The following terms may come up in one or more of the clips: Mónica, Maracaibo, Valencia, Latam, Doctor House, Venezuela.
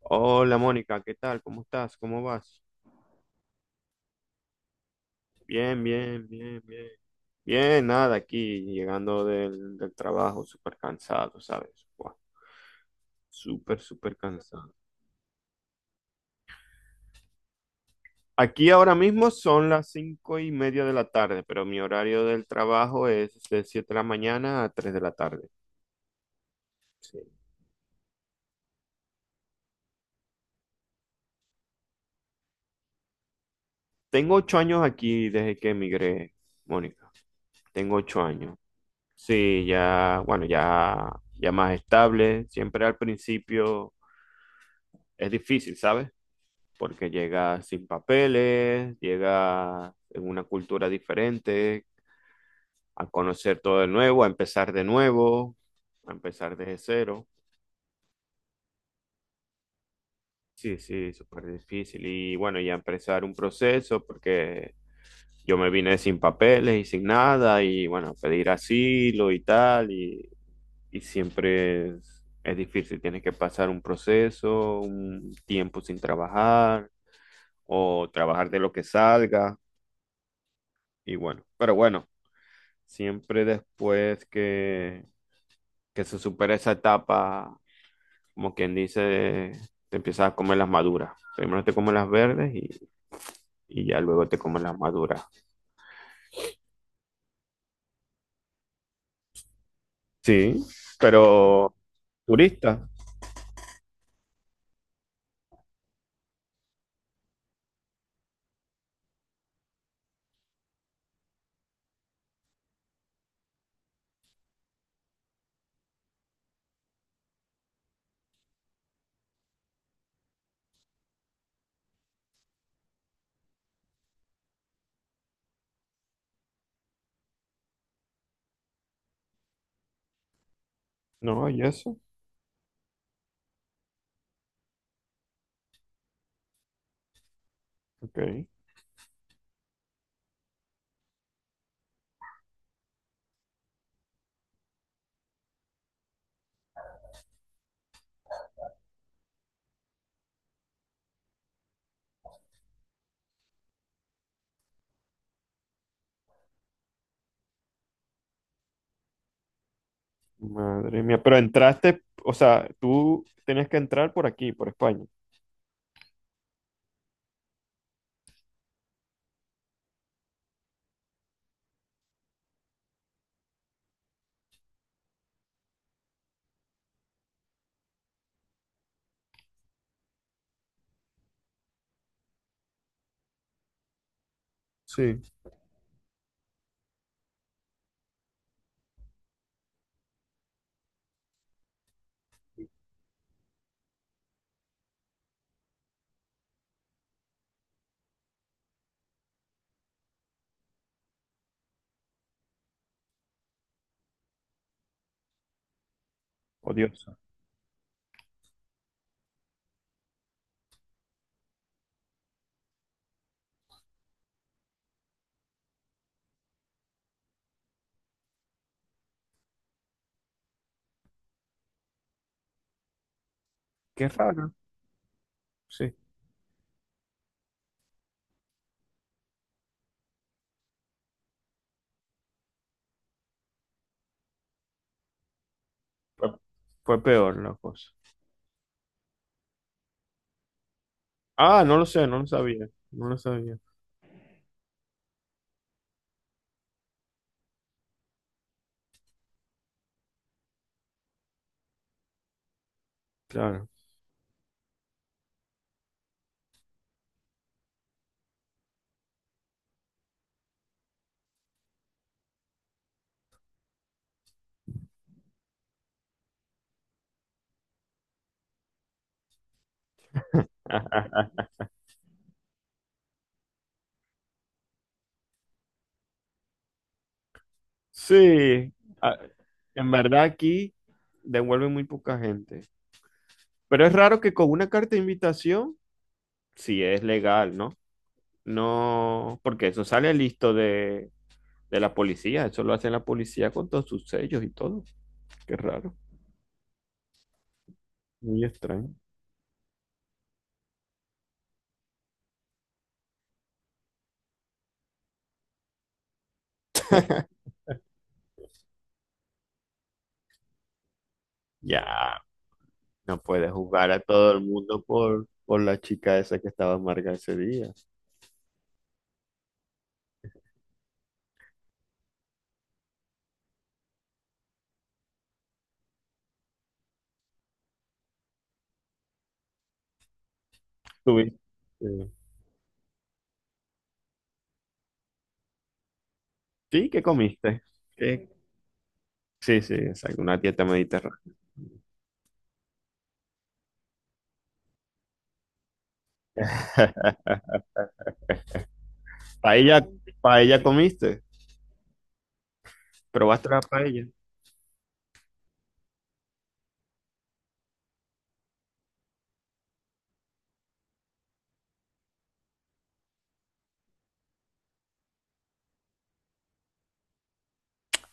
Hola Mónica, ¿qué tal? ¿Cómo estás? ¿Cómo vas? Bien, bien, bien, bien. Bien, nada, aquí llegando del trabajo, súper cansado, ¿sabes? Buah, súper, súper cansado. Aquí ahora mismo son las 5:30 de la tarde, pero mi horario del trabajo es de 7 de la mañana a 3 de la tarde. Sí. Tengo 8 años aquí desde que emigré, Mónica. Tengo 8 años. Sí, ya, bueno, ya, ya más estable. Siempre al principio es difícil, ¿sabes? Porque llega sin papeles, llega en una cultura diferente, a conocer todo de nuevo, a empezar de nuevo, a empezar desde cero. Sí, sí, súper difícil. Y bueno, ya empezar un proceso porque yo me vine sin papeles y sin nada y bueno, pedir asilo y tal y siempre es difícil. Tienes que pasar un proceso, un tiempo sin trabajar o trabajar de lo que salga y bueno, pero bueno. Siempre después que se supera esa etapa, como quien dice, te empiezas a comer las maduras. Primero te comes las verdes y ya luego te comes las maduras. Sí, pero turista. No, y eso. Ok. Madre mía. Pero entraste, o sea, tú tenías que entrar por aquí, por España. Sí. Odiosa. Qué raro. Sí. Fue, fue peor la cosa. Ah, no lo sé, no lo sabía. No lo sabía. Claro. Sí, a- en verdad aquí devuelven muy poca gente. Pero es raro que con una carta de invitación, sí es legal, ¿no? No, porque eso sale listo de la policía, eso lo hace la policía con todos sus sellos y todo. Qué raro, muy extraño. Ya, no puedes jugar a todo el mundo por la chica esa que estaba amarga ese día. ¿Tuviste? Sí, ¿qué comiste? ¿Qué? Sí, sí, exacto, una dieta mediterránea. Paella, paella comiste, probaste la paella.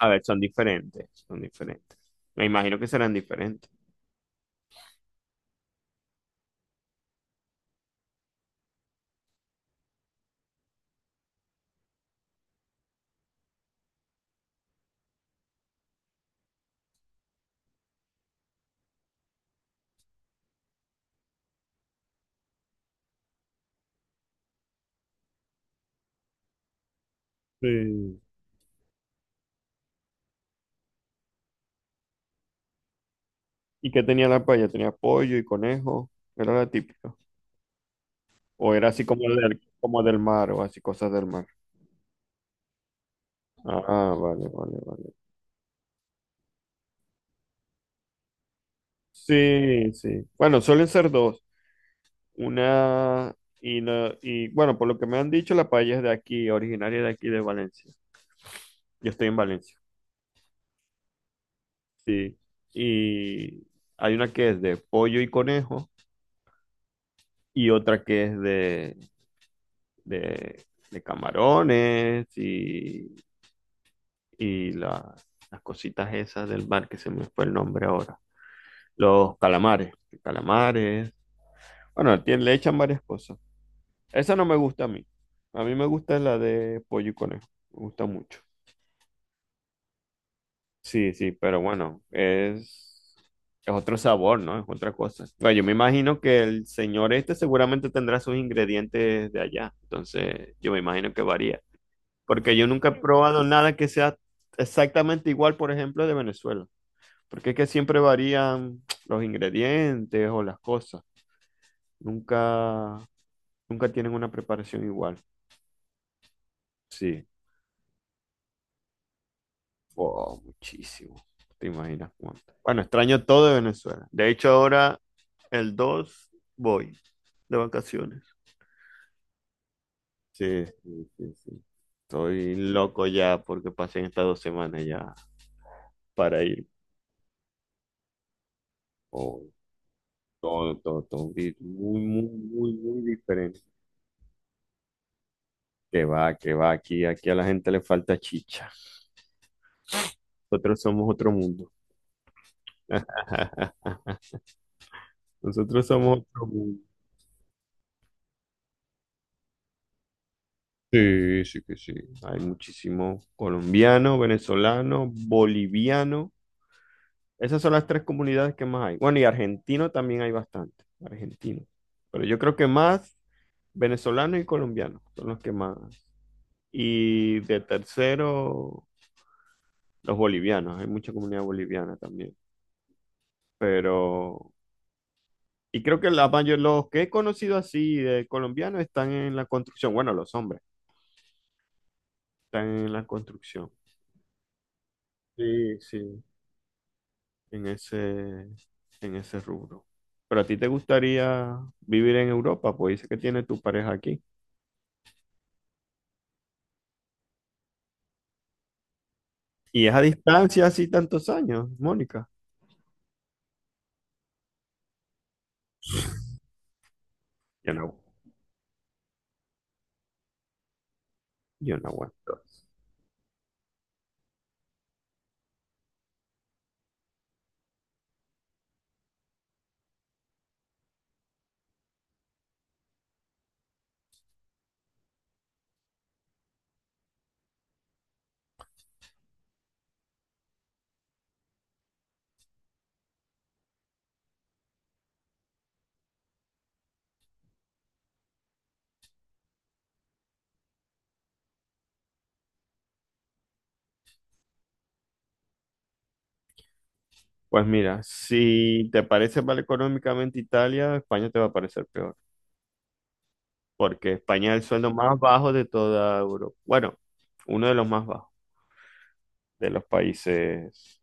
A ver, son diferentes, son diferentes. Me imagino que serán diferentes. Sí. ¿Y qué tenía la paella? ¿Tenía pollo y conejo? ¿Era la típica? ¿O era así como del mar o así cosas del mar? Ah, vale, vale, vale. Sí, sí. Bueno, suelen ser dos. Una y bueno, por lo que me han dicho, la paella es de aquí, originaria de aquí de Valencia. Yo estoy en Valencia. Sí. Y hay una que es de pollo y conejo y otra que es de, de camarones y las cositas esas del mar que se me fue el nombre ahora. Los calamares, calamares. Bueno, le echan varias cosas. Esa no me gusta a mí. A mí me gusta la de pollo y conejo. Me gusta mucho. Sí, sí, pero bueno, es, otro sabor, ¿no? Es otra cosa. Bueno, yo me imagino que el señor este seguramente tendrá sus ingredientes de allá. Entonces, yo me imagino que varía. Porque yo nunca he probado nada que sea exactamente igual, por ejemplo, de Venezuela. Porque es que siempre varían los ingredientes o las cosas. Nunca, nunca tienen una preparación igual. Sí. Wow, muchísimo. ¿Te imaginas cuánto? Bueno, extraño todo de Venezuela. De hecho, ahora el 2 voy de vacaciones. Sí, sí, sí, sí. Estoy loco ya porque pasé estas 2 semanas ya para ir. Oh, todo, todo, todo un grito muy, muy, muy, muy diferente. Que va, aquí, aquí a la gente le falta chicha. Nosotros somos otro mundo. Nosotros somos otro mundo. Sí, sí que sí. Hay muchísimos colombianos, venezolanos, bolivianos. Esas son las tres comunidades que más hay. Bueno, y argentino también hay bastante. Argentino. Pero yo creo que más venezolanos y colombianos son los que más. Y de tercero, los bolivianos. Hay mucha comunidad boliviana también. pero... Y creo que la mayor, los que he conocido así de colombianos están en la construcción, bueno, los hombres están en la construcción. Sí, sí, en ese, en ese rubro. Pero a ti te gustaría vivir en Europa, pues dice que tiene tu pareja aquí. Y es a distancia así tantos años, Mónica. Yo no, yo no aguanto. Pues mira, si te parece mal económicamente Italia, España te va a parecer peor, porque España es el sueldo más bajo de toda Europa. Bueno, uno de los más bajos de los países.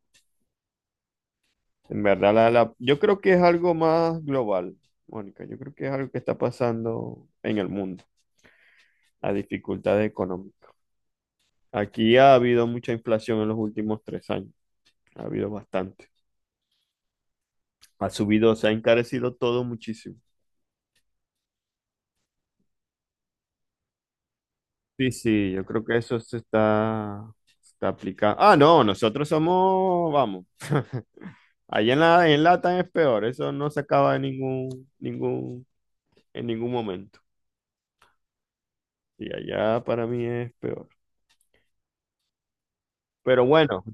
En verdad, yo creo que es algo más global, Mónica. Yo creo que es algo que está pasando en el mundo, la dificultad económica. Aquí ha habido mucha inflación en los últimos 3 años, ha habido bastante. Ha subido, se ha encarecido todo muchísimo. Sí, sí, yo creo que eso se está aplicando. Ah, no, nosotros somos, vamos. Allá en Latam es peor, eso no se acaba en ningún momento. Y allá para mí es peor. Pero bueno,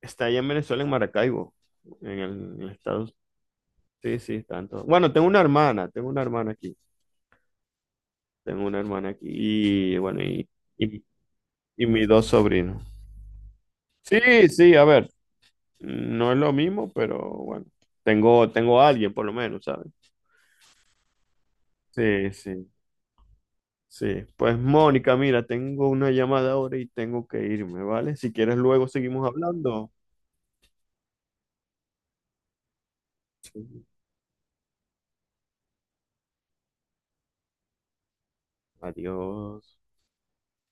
está allá en Venezuela, en Maracaibo, en el, en el estado. Sí, sí, tanto. Bueno, tengo una hermana aquí y bueno, y, y mis dos sobrinos. Sí, sí, a ver, no es lo mismo, pero bueno, tengo a alguien por lo menos, ¿sabes? Sí, sí, sí. Pues Mónica, mira, tengo una llamada ahora y tengo que irme, ¿vale? Si quieres luego seguimos hablando. Adiós.